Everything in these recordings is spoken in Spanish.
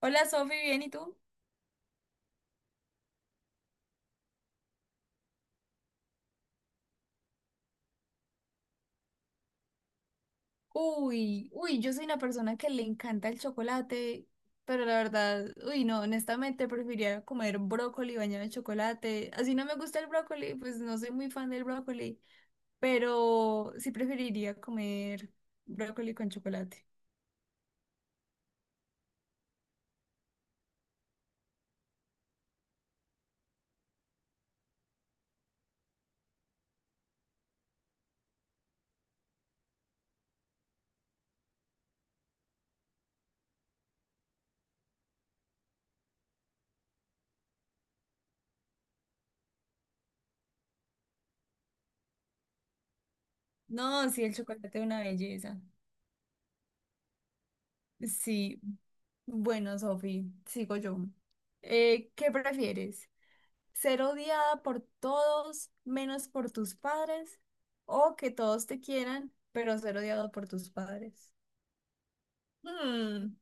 Hola Sofi, ¿bien y tú? Uy, uy, yo soy una persona que le encanta el chocolate, pero la verdad, uy, no, honestamente preferiría comer brócoli bañado en chocolate. Así no me gusta el brócoli, pues no soy muy fan del brócoli, pero sí preferiría comer brócoli con chocolate. No, sí, el chocolate es una belleza. Sí, bueno, Sofi, sigo yo. ¿Qué prefieres? Ser odiada por todos menos por tus padres o que todos te quieran, pero ser odiado por tus padres. Hmm.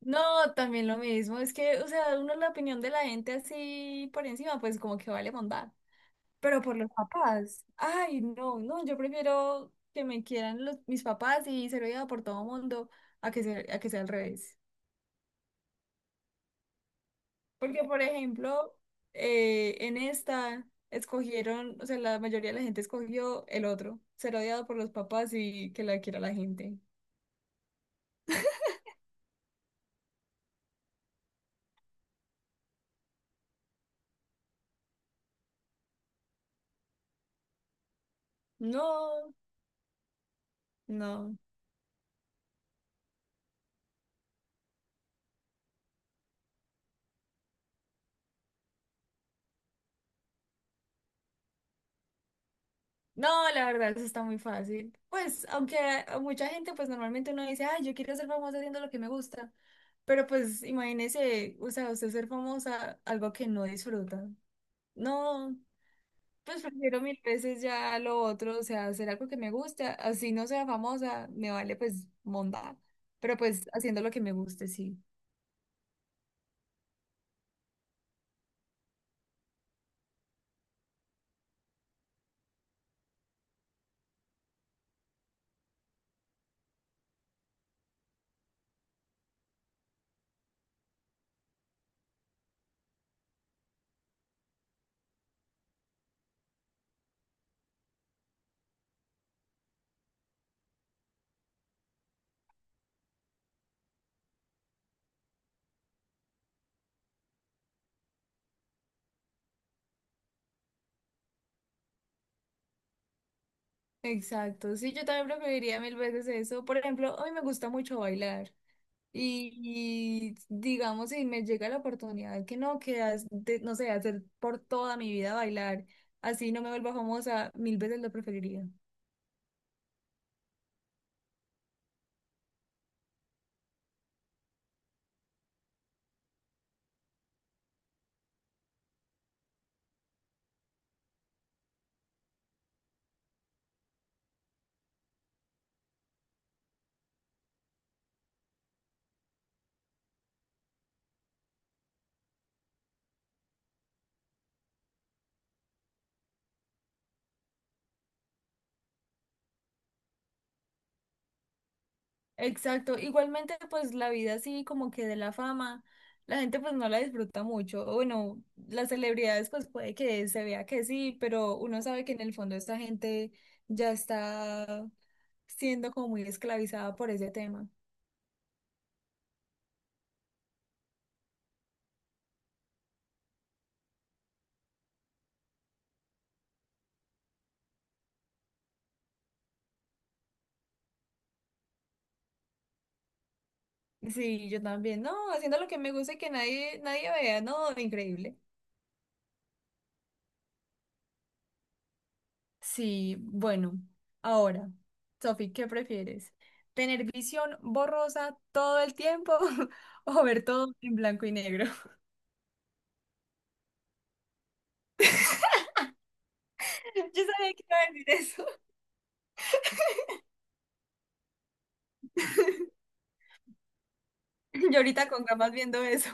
No, también lo mismo, es que, o sea, uno la opinión de la gente así por encima, pues como que vale bondad, pero por los papás, ay, no, no, yo prefiero que me quieran los, mis papás y ser odiada por todo mundo a que sea al revés. Porque, por ejemplo, en esta escogieron, o sea, la mayoría de la gente escogió el otro, ser odiado por los papás y que la quiera la gente. No, no. No, la verdad, eso está muy fácil. Pues, aunque a mucha gente, pues normalmente uno dice, ay, yo quiero ser famosa haciendo lo que me gusta. Pero pues imagínese, o sea, usted ser famosa, algo que no disfruta. No. Pues prefiero mil veces ya lo otro, o sea, hacer algo que me gusta, así no sea famosa, me vale pues monda, pero pues haciendo lo que me guste, sí. Exacto, sí, yo también preferiría mil veces eso. Por ejemplo, a mí me gusta mucho bailar digamos, si me llega la oportunidad que no, que no sé, hacer por toda mi vida bailar, así no me vuelva famosa, mil veces lo preferiría. Exacto, igualmente pues la vida así como que de la fama, la gente pues no la disfruta mucho, o bueno, las celebridades pues puede que se vea que sí, pero uno sabe que en el fondo esta gente ya está siendo como muy esclavizada por ese tema. Sí, yo también, no, haciendo lo que me gusta y que nadie, nadie vea, no, increíble. Sí, bueno, ahora, Sofi, ¿qué prefieres? ¿Tener visión borrosa todo el tiempo o ver todo en blanco y negro? Yo sabía que iba a decir eso. Yo ahorita con gafas viendo eso.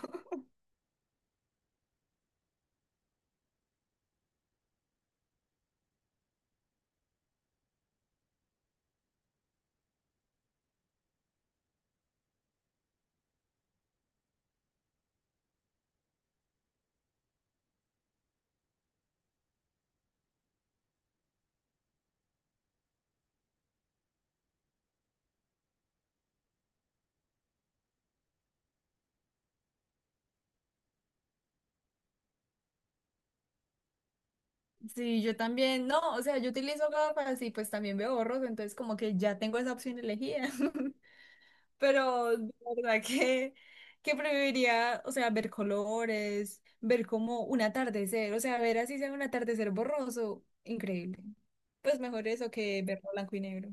Sí, yo también, no, o sea, yo utilizo gafas y pues también veo borroso entonces como que ya tengo esa opción elegida. Pero de verdad que, preferiría, o sea, ver colores, ver como un atardecer, o sea, ver así sea un atardecer borroso, increíble. Pues mejor eso que verlo blanco y negro.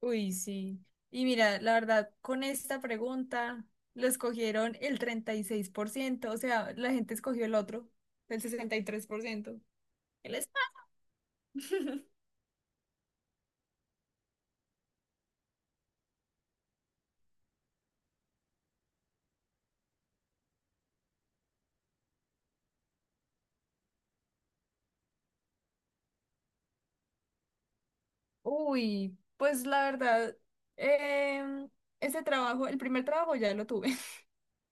Uy, sí. Y mira, la verdad, con esta pregunta lo escogieron el 36%, o sea, la gente escogió el otro, el 63%. El es- Uy, pues la verdad, em, ese trabajo, el primer trabajo ya lo tuve,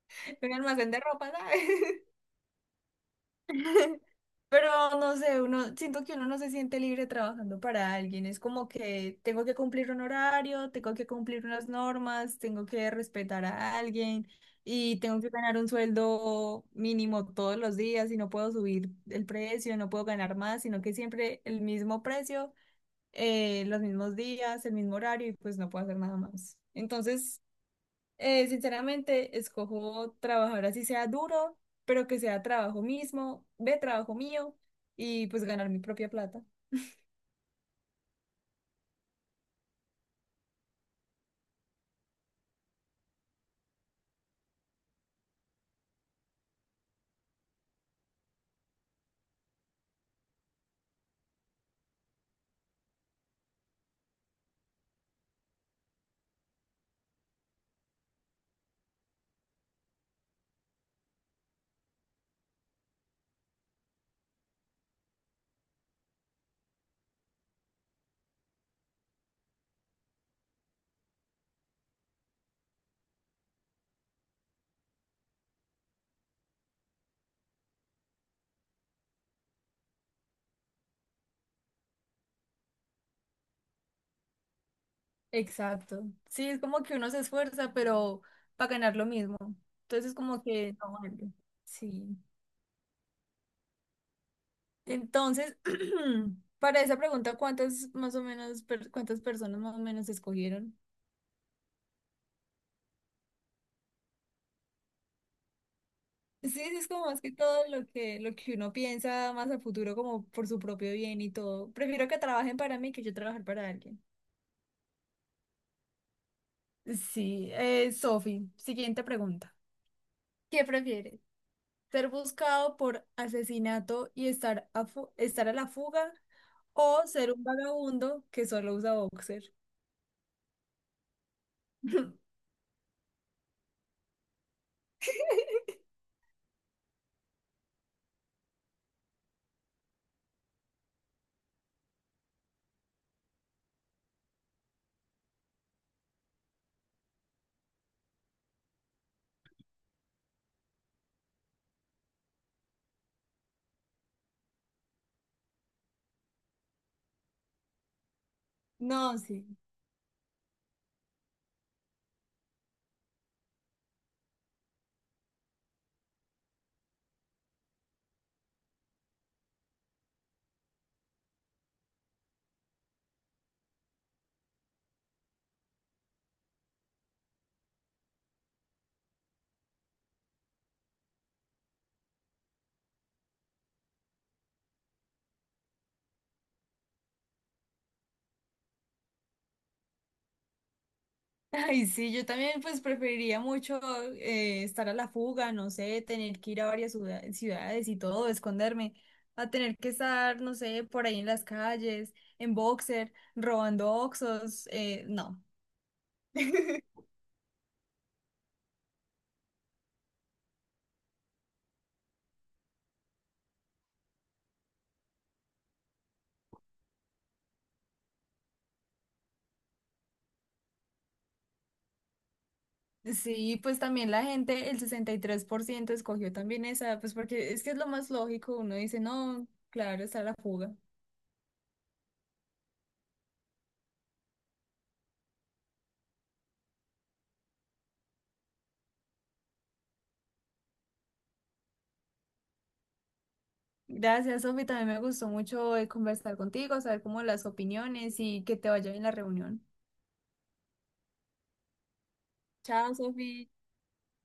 en un almacén de ropa, ¿sabes? Pero no sé, uno, siento que uno no se siente libre trabajando para alguien. Es como que tengo que cumplir un horario, tengo que cumplir unas normas, tengo que respetar a alguien y tengo que ganar un sueldo mínimo todos los días y no puedo subir el precio, no puedo ganar más, sino que siempre el mismo precio, los mismos días, el mismo horario y pues no puedo hacer nada más. Entonces sinceramente, escojo trabajar así sea duro, pero que sea trabajo mismo, de trabajo mío y pues ganar mi propia plata. Exacto. Sí, es como que uno se esfuerza, pero para ganar lo mismo. Entonces, como que no vale. Sí. Entonces, para esa pregunta, ¿cuántas más o menos, cuántas personas más o menos escogieron? Sí, sí, es como más que todo lo que uno piensa más a futuro, como por su propio bien y todo. Prefiero que trabajen para mí que yo trabajar para alguien. Sí, Sofi, siguiente pregunta. ¿Qué prefieres? ¿Ser buscado por asesinato y estar a la fuga? ¿O ser un vagabundo que solo usa boxer? No, sí. Ay, sí, yo también pues preferiría mucho estar a la fuga, no sé, tener que ir a varias ciudades y todo, esconderme, a tener que estar, no sé, por ahí en las calles, en boxer, robando oxos, no. Sí, pues también la gente, el 63% escogió también esa, pues porque es que es lo más lógico, uno dice, no, claro, está la fuga. Gracias, Sofi, también me gustó mucho conversar contigo, saber cómo las opiniones y que te vaya bien la reunión. Chao, Sofi.